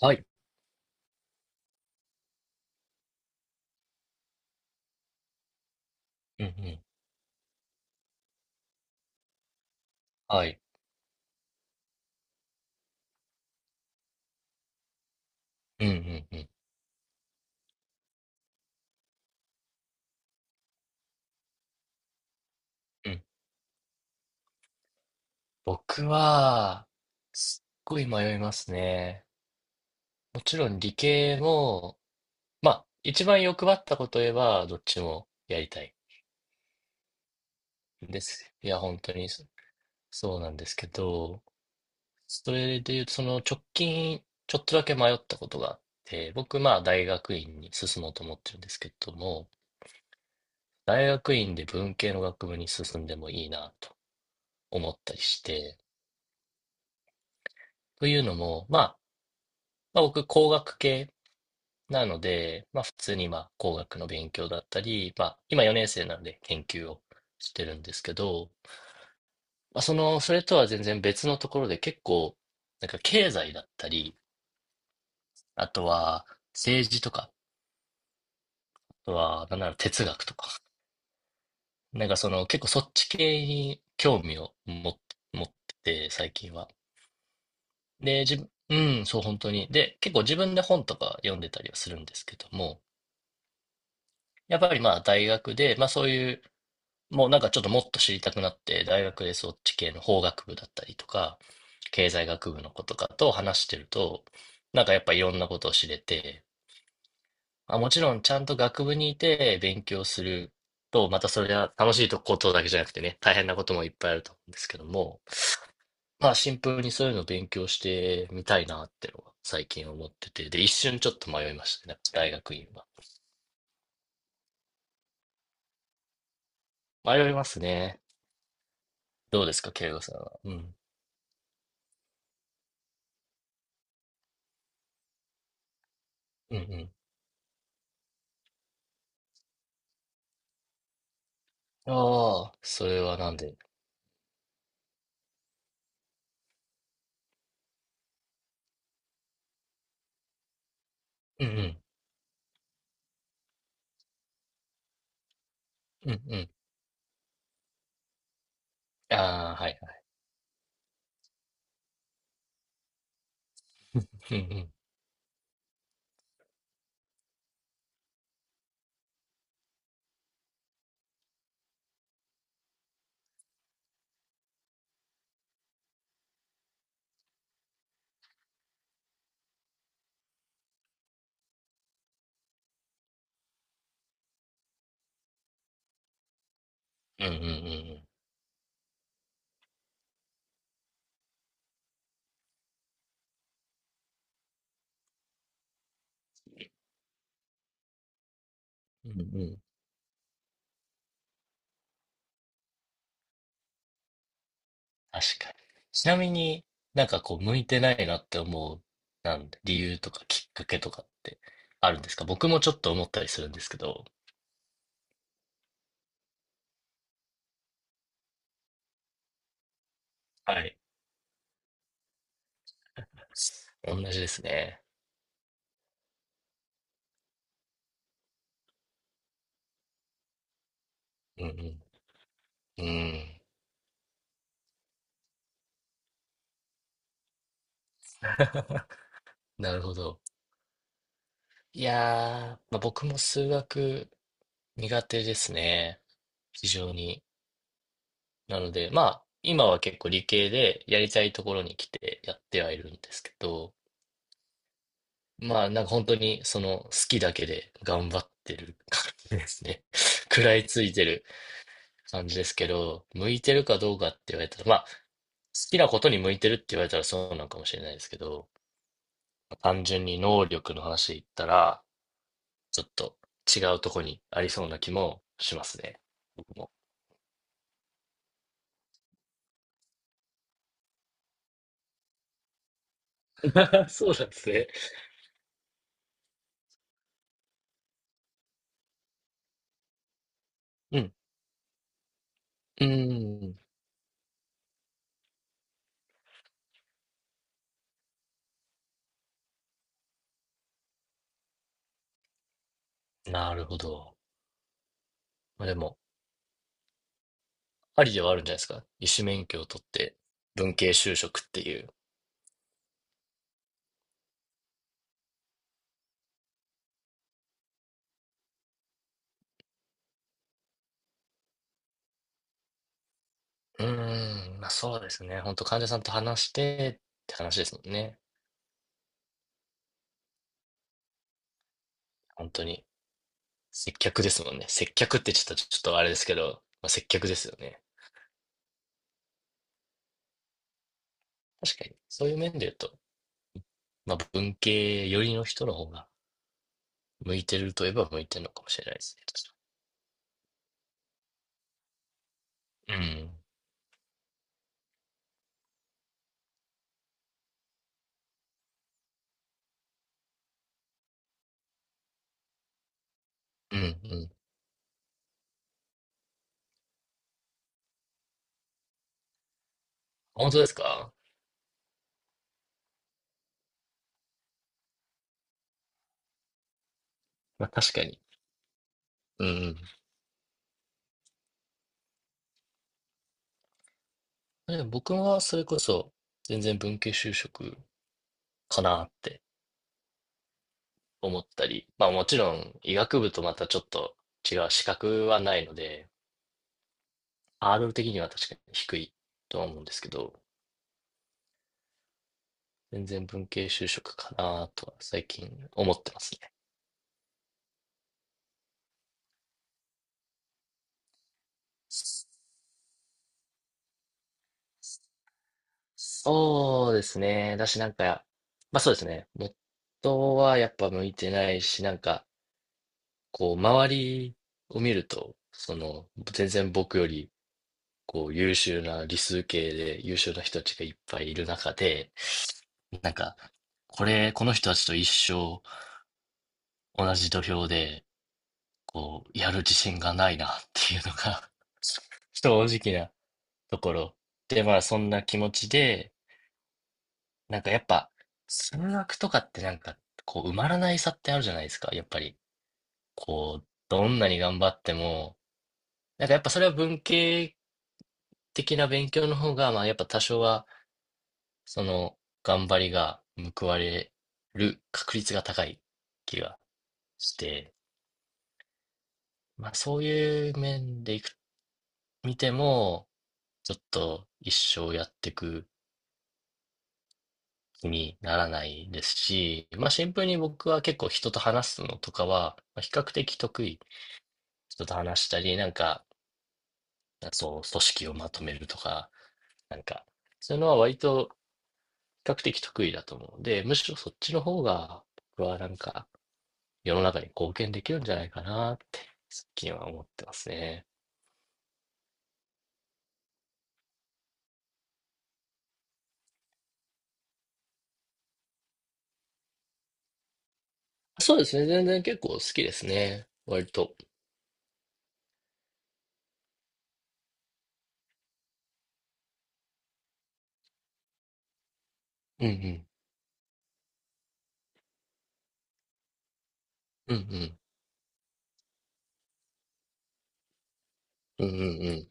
はい。うんうん。はい。うんうんうんうん。僕は、すっごい迷いますね。もちろん理系も、一番欲張ったこと言えば、どっちもやりたいんです。いや、本当にそうなんですけど、それで言うと、その直近、ちょっとだけ迷ったことがあって、僕、大学院に進もうと思ってるんですけども、大学院で文系の学部に進んでもいいなと思ったりして、というのも、僕、工学系なので、普通に工学の勉強だったり、今4年生なので研究をしてるんですけど、それとは全然別のところで結構、なんか経済だったり、あとは政治とか、あとは、なんなら哲学とか、なんかその結構そっち系に興味を持ってて、最近は。で、自分、うん、そう、本当に。で、結構自分で本とか読んでたりはするんですけども、やっぱり大学で、まあそういう、もうなんかちょっともっと知りたくなって、大学でそっち系の法学部だったりとか、経済学部の子とかと話してると、なんかやっぱいろんなことを知れて、あ、もちろんちゃんと学部にいて勉強すると、またそれは楽しいことだけじゃなくてね、大変なこともいっぱいあると思うんですけども、まあシンプルにそういうのを勉強してみたいなってのは最近思ってて、で、一瞬ちょっと迷いましたね、大学院は。迷いますね。どうですか、慶吾さんは。うん。うんうん。ああ、それはなんで？うんうん。うんうん。ああ、はいはい。うんうん。うんうんうんうん。うんうん。確かに。ちなみになんかこう、向いてないなって思う、なんで、理由とかきっかけとかってあるんですか？僕もちょっと思ったりするんですけど。はい。同じですね。うんうん。うん。なるほど。いやー、まあ、僕も数学苦手ですね。非常に。なので、まあ、今は結構理系でやりたいところに来てやってはいるんですけど、まあ、なんか本当にその好きだけで頑張ってる感じですね。食らいついてる感じですけど、向いてるかどうかって言われたら、まあ、好きなことに向いてるって言われたらそうなのかもしれないですけど、単純に能力の話で言ったら、ちょっと違うとこにありそうな気もしますね。僕も。 そうなんですね。うん。うーん。なるほど。まあでも、ありではあるんじゃないですか。医師免許を取って、文系就職っていう。うーん、まあそうですね。本当患者さんと話してって話ですもんね。本当に。接客ですもんね。接客ってちょっとあれですけど、まあ、接客ですよね。確かに。そういう面で言うと、まあ文系寄りの人の方が向いてるといえば向いてるのかもしれないですね。確かに。うん。うん、うん。本当ですか？まあ確かに。うん、うん。でも僕はそれこそ全然文系就職かなって。思ったり、まあもちろん医学部とまたちょっと違う資格はないので、ハードル的には確かに低いとは思うんですけど、全然文系就職かなとは最近思ってますね。そうですね。だしなんか、まあそうですね。元はやっぱ向いてないし、なんか、こう周りを見ると、その全然僕よりこう優秀な理数系で優秀な人たちがいっぱいいる中で、なんか、これ、この人たちと一生同じ土俵で、こう、やる自信がないなっていうのが 正直なところ。で、まあ、そんな気持ちで、なんかやっぱ、数学とかってなんか、こう、埋まらない差ってあるじゃないですか。やっぱり、こう、どんなに頑張っても、なんかやっぱそれは文系的な勉強の方が、まあ、やっぱ多少は、その、頑張りが報われる確率が高い気がして、まあ、そういう面でいく、見ても、ちょっと一生やってく気にならないですし、まあ、シンプルに僕は結構人と話すのとかは、まあ比較的得意。人と話したり、なんか、そう、組織をまとめるとか、なんか、そういうのは割と比較的得意だと思うので、むしろそっちの方が、僕はなんか、世の中に貢献できるんじゃないかなって、最近は思ってますね。そうですね。全然結構好きですね。割と。うんうん。うんうん。うんうんうん。い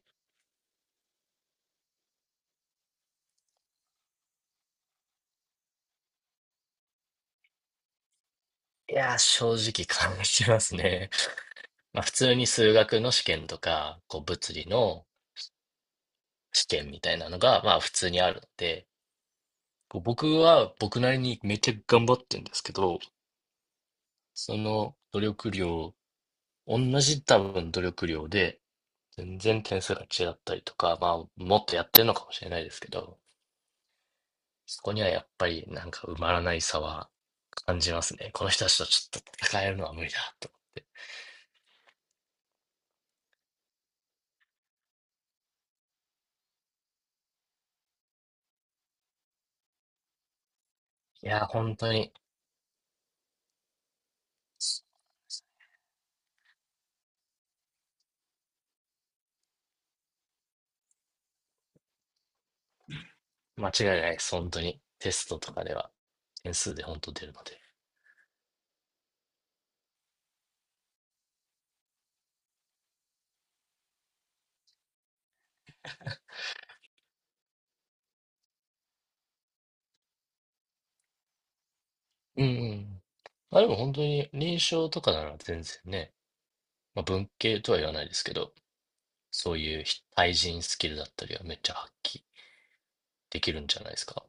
やー、正直感じますね。まあ普通に数学の試験とか、こう物理の試験みたいなのが、まあ普通にあるので、こう僕は僕なりにめっちゃ頑張ってるんですけど、その努力量、同じ多分努力量で、全然点数が違ったりとか、まあもっとやってるのかもしれないですけど、そこにはやっぱりなんか埋まらない差は感じますね。この人たちとちょっと戦えるのは無理だと。いやー、本当に。間違いないです。本当に。テストとかでは。点数で本当出るので。うんうん。まあでも本当に臨床とかなら全然ね、まあ、文系とは言わないですけど、そういう非対人スキルだったりはめっちゃ発揮できるんじゃないですか。